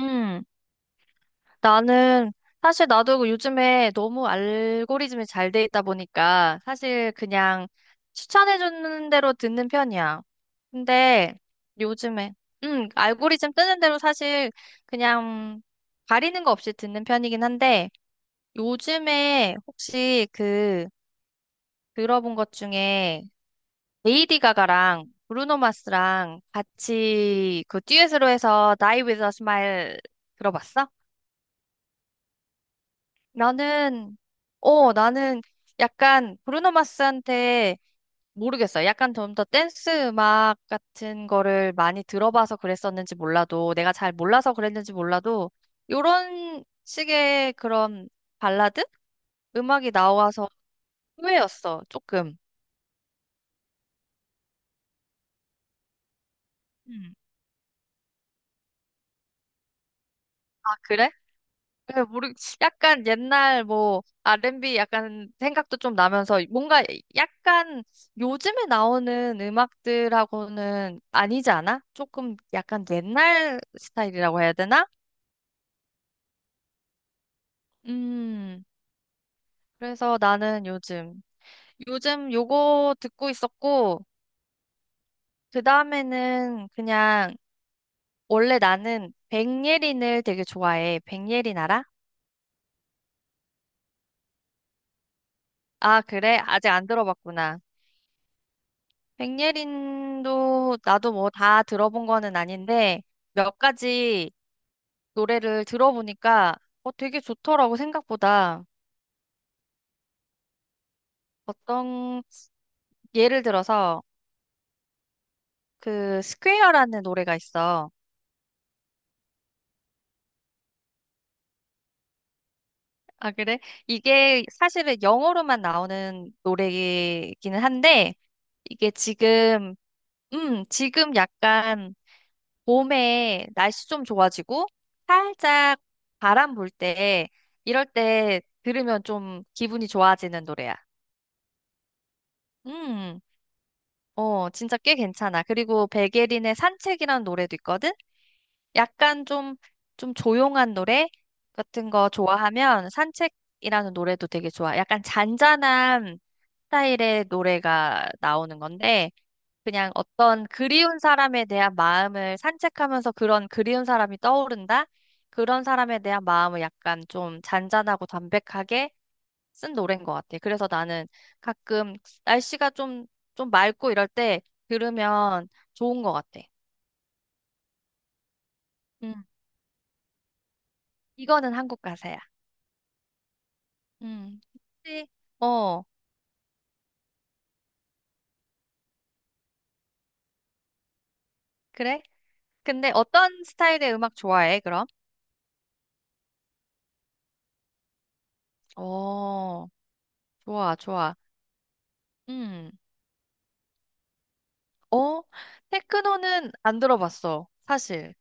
음, 나는 사실 나도 요즘에 너무 알고리즘이 잘 돼 있다 보니까 사실 그냥 추천해 주는 대로 듣는 편이야. 근데 요즘에 알고리즘 뜨는 대로 사실 그냥 가리는 거 없이 듣는 편이긴 한데, 요즘에 혹시 그 들어본 것 중에 레이디 가가랑 브루노 마스랑 같이 그 듀엣으로 해서 Die With a Smile 들어봤어? 나는, 나는 약간 브루노 마스한테 모르겠어. 약간 좀 더 댄스 음악 같은 거를 많이 들어봐서 그랬었는지 몰라도, 내가 잘 몰라서 그랬는지 몰라도, 요런 식의 그런 발라드 음악이 나와서 의외였어, 조금. 음. 아, 그래? 네, 모르, 약간 옛날 뭐 R&B 약간 생각도 좀 나면서 뭔가 약간 요즘에 나오는 음악들하고는 아니지 않아? 조금 약간 옛날 스타일이라고 해야 되나? 음, 그래서 나는 요즘 요거 듣고 있었고, 그 다음에는 그냥 원래 나는 백예린을 되게 좋아해. 백예린 알아? 아, 그래? 아직 안 들어봤구나. 백예린도 나도 뭐 다 들어본 거는 아닌데 몇 가지 노래를 들어보니까 어, 되게 좋더라고 생각보다. 어떤 예를 들어서 그 스퀘어라는 노래가 있어. 아, 그래? 이게 사실은 영어로만 나오는 노래이기는 한데 이게 지금 약간 봄에 날씨 좀 좋아지고 살짝 바람 불 때, 이럴 때 들으면 좀 기분이 좋아지는 노래야. 음, 진짜 꽤 괜찮아. 그리고 백예린의 산책이라는 노래도 있거든? 약간 좀 조용한 노래 같은 거 좋아하면 산책이라는 노래도 되게 좋아. 약간 잔잔한 스타일의 노래가 나오는 건데, 그냥 어떤 그리운 사람에 대한 마음을 산책하면서 그런 그리운 사람이 떠오른다? 그런 사람에 대한 마음을 약간 좀 잔잔하고 담백하게 쓴 노래인 것 같아. 그래서 나는 가끔 날씨가 좀 맑고 이럴 때 들으면 좋은 것 같아. 음, 이거는 한국 가사야. 음. 혹시- 어, 그래? 근데 어떤 스타일의 음악 좋아해, 그럼? 어, 좋아, 좋아. 음. 어, 테크노는 안 들어봤어, 사실.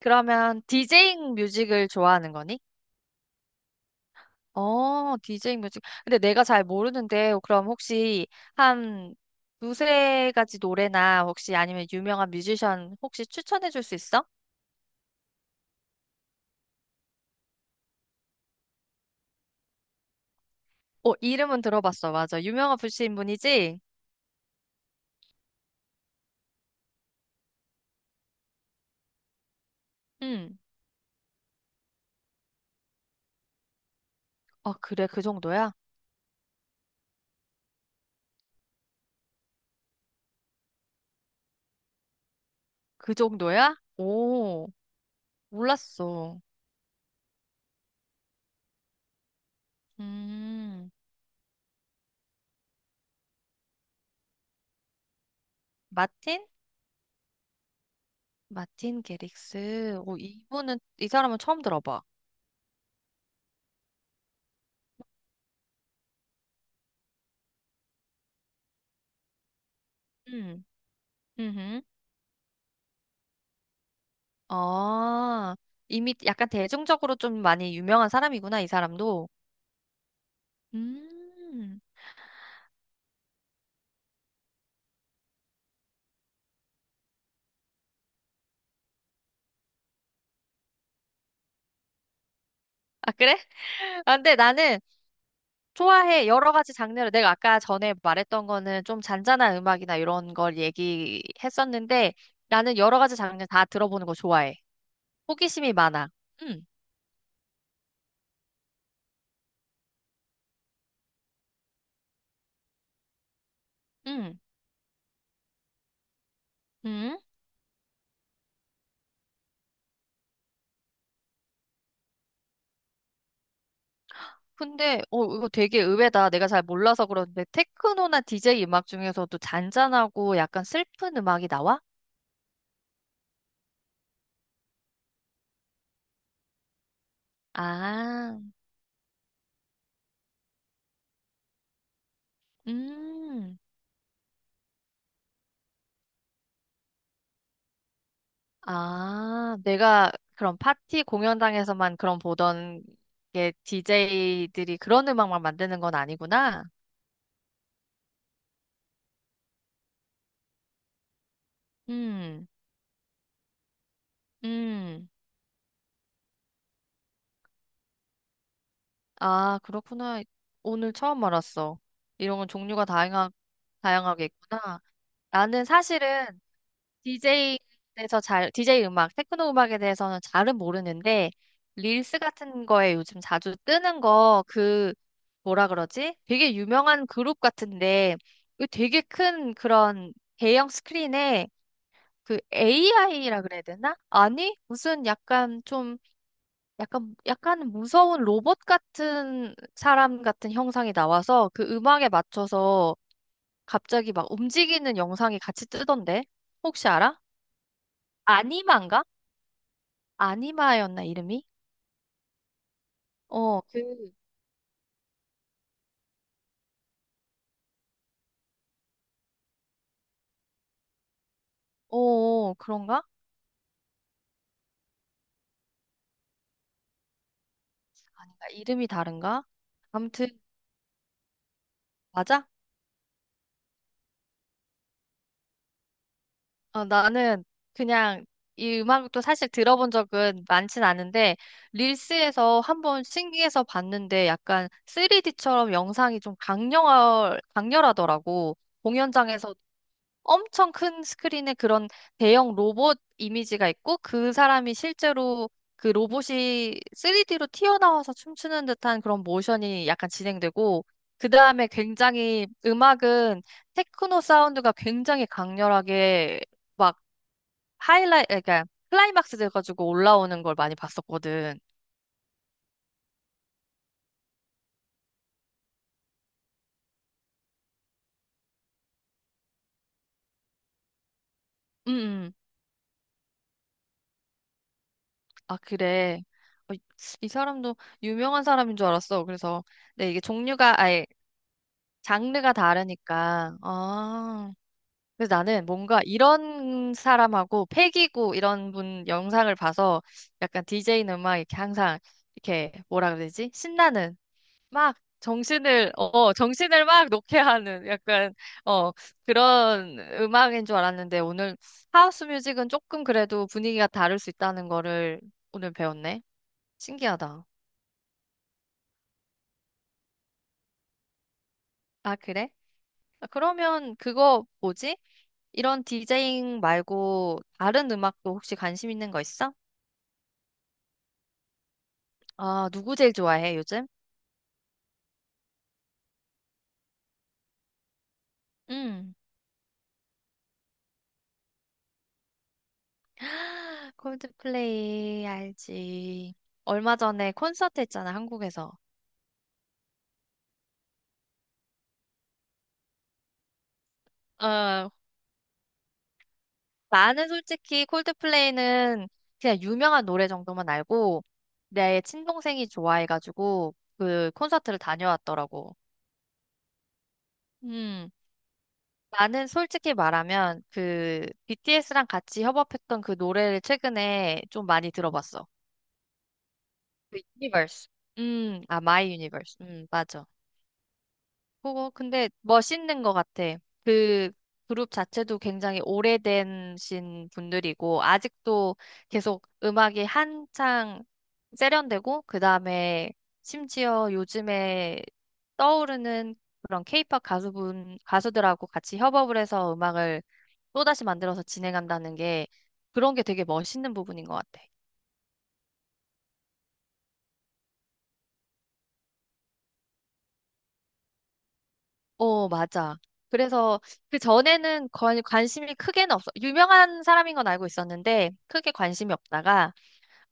그러면 디제잉 뮤직을 좋아하는 거니? 어, 디제잉 뮤직. 근데 내가 잘 모르는데, 그럼 혹시 한 두세 가지 노래나 혹시 아니면 유명한 뮤지션 혹시 추천해 줄 수 있어? 어, 이름은 들어봤어, 맞아. 유명한 분이신 분이지? 음. 아, 그래, 그 정도야? 그 정도야? 오, 몰랐어. 음, 마틴? 마틴 게릭스. 오, 이 사람은 처음 들어봐. 음, 음, 아, 이미 약간 대중적으로 좀 많이 유명한 사람이구나, 이 사람도. 음, 아, 그래? 아, 근데 나는 좋아해. 여러 가지 장르를. 내가 아까 전에 말했던 거는 좀 잔잔한 음악이나 이런 걸 얘기했었는데, 나는 여러 가지 장르 다 들어보는 거 좋아해. 호기심이 많아. 음, 음. 음. 근데 이거 되게 의외다. 내가 잘 몰라서 그러는데 테크노나 DJ 음악 중에서도 잔잔하고 약간 슬픈 음악이 나와? 아, 음, 내가 그런 파티 공연장에서만 그런 보던 게 DJ들이 그런 음악만 만드는 건 아니구나. 음. 음. 아, 그렇구나. 오늘 처음 알았어. 이런 건 종류가 다양하게 있구나. 나는 사실은 DJ에 대해서 잘, 디제이 음악, 테크노 음악에 대해서는 잘은 모르는데, 릴스 같은 거에 요즘 자주 뜨는 거, 그, 뭐라 그러지? 되게 유명한 그룹 같은데, 그 되게 큰 그런 대형 스크린에 그 AI라 그래야 되나? 아니, 무슨 약간 무서운 로봇 같은 사람 같은 형상이 나와서 그 음악에 맞춰서 갑자기 막 움직이는 영상이 같이 뜨던데? 혹시 알아? 아니만가? 아니마였나 이름이? 어, 그, 그런가? 아닌가? 이름이 다른가? 아무튼 맞아? 어, 나는 그냥 이 음악도 사실 들어본 적은 많진 않은데 릴스에서 한번 신기해서 봤는데 약간 3D처럼 영상이 좀 강렬하더라고. 공연장에서 엄청 큰 스크린에 그런 대형 로봇 이미지가 있고 그 사람이 실제로 그 로봇이 3D로 튀어나와서 춤추는 듯한 그런 모션이 약간 진행되고 그 다음에 굉장히 음악은 테크노 사운드가 굉장히 강렬하게 막 그러니까 클라이막스 돼가지고 올라오는 걸 많이 봤었거든. 음, 음. 아, 그래. 어, 이 사람도 유명한 사람인 줄 알았어. 그래서 네, 이게 종류가 아예 장르가 다르니까. 아. 그래서 나는 뭔가 이런 사람하고 패기고 이런 분 영상을 봐서 약간 DJ는 막 이렇게 항상 이렇게 뭐라 그래야 되지? 신나는 막 정신을 막 놓게 하는 약간 어 그런 음악인 줄 알았는데 오늘 하우스 뮤직은 조금 그래도 분위기가 다를 수 있다는 거를 오늘 배웠네. 신기하다. 아, 그래? 아, 그러면 그거 뭐지? 이런 디제잉 말고 다른 음악도 혹시 관심 있는 거 있어? 아, 누구 제일 좋아해, 요즘? 음. 콜드플레이 알지. 얼마 전에 콘서트 했잖아, 한국에서. 어, 나는 솔직히 콜드플레이는 그냥 유명한 노래 정도만 알고 내 친동생이 좋아해가지고 그 콘서트를 다녀왔더라고. 음. 나는 솔직히 말하면 그 BTS랑 같이 협업했던 그 노래를 최근에 좀 많이 들어봤어. 그 유니버스. 아, 마이 유니버스. 맞아. 그거 근데 멋있는 것 같아. 그 그룹 자체도 굉장히 오래된신 분들이고 아직도 계속 음악이 한창 세련되고 그다음에 심지어 요즘에 떠오르는 그런 케이팝 가수분 가수들하고 같이 협업을 해서 음악을 또다시 만들어서 진행한다는 게 그런 게 되게 멋있는 부분인 것 같아. 어, 맞아. 그래서 그 전에는 관심이 크게는 없어. 유명한 사람인 건 알고 있었는데 크게 관심이 없다가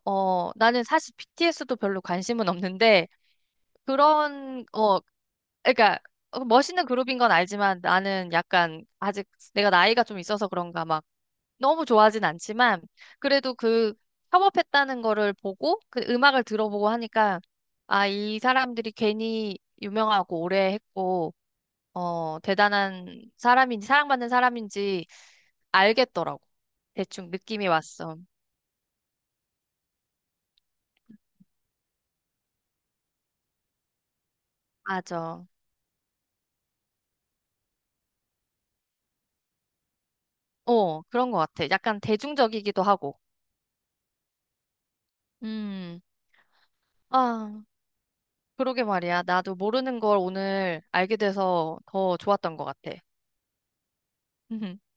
어, 나는 사실 BTS도 별로 관심은 없는데 그런 그러니까 멋있는 그룹인 건 알지만 나는 약간 아직 내가 나이가 좀 있어서 그런가 막 너무 좋아하진 않지만 그래도 그 협업했다는 거를 보고 그 음악을 들어보고 하니까 아, 이 사람들이 괜히 유명하고 오래 했고 어, 대단한 사람인지, 사랑받는 사람인지 알겠더라고. 대충 느낌이 왔어. 맞아. 어, 그런 것 같아. 약간 대중적이기도 하고. 음, 아, 그러게 말이야. 나도 모르는 걸 오늘 알게 돼서 더 좋았던 것 같아.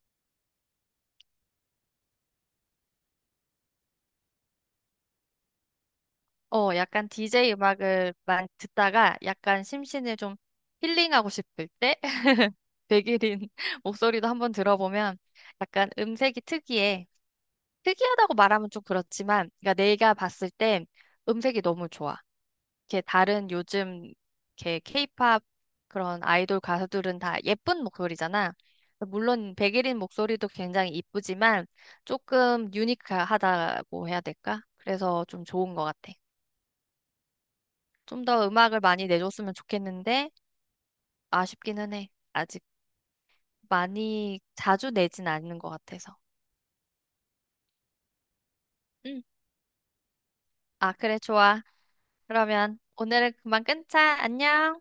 어, 약간 DJ 음악을 많이 듣다가 약간 심신을 좀 힐링하고 싶을 때 백일인 목소리도 한번 들어보면 약간 음색이 특이해. 특이하다고 말하면 좀 그렇지만, 그러니까 내가 봤을 때 음색이 너무 좋아. 이렇게 다른 요즘 이렇게 케이팝 그런 아이돌 가수들은 다 예쁜 목소리잖아. 물론 백일인 목소리도 굉장히 이쁘지만 조금 유니크하다고 해야 될까? 그래서 좀 좋은 것 같아. 좀 더 음악을 많이 내줬으면 좋겠는데 아쉽기는 해. 아직 많이 자주 내진 않는 것 같아서. 응. 아, 그래, 좋아. 그러면 오늘은 그만 끊자. 안녕.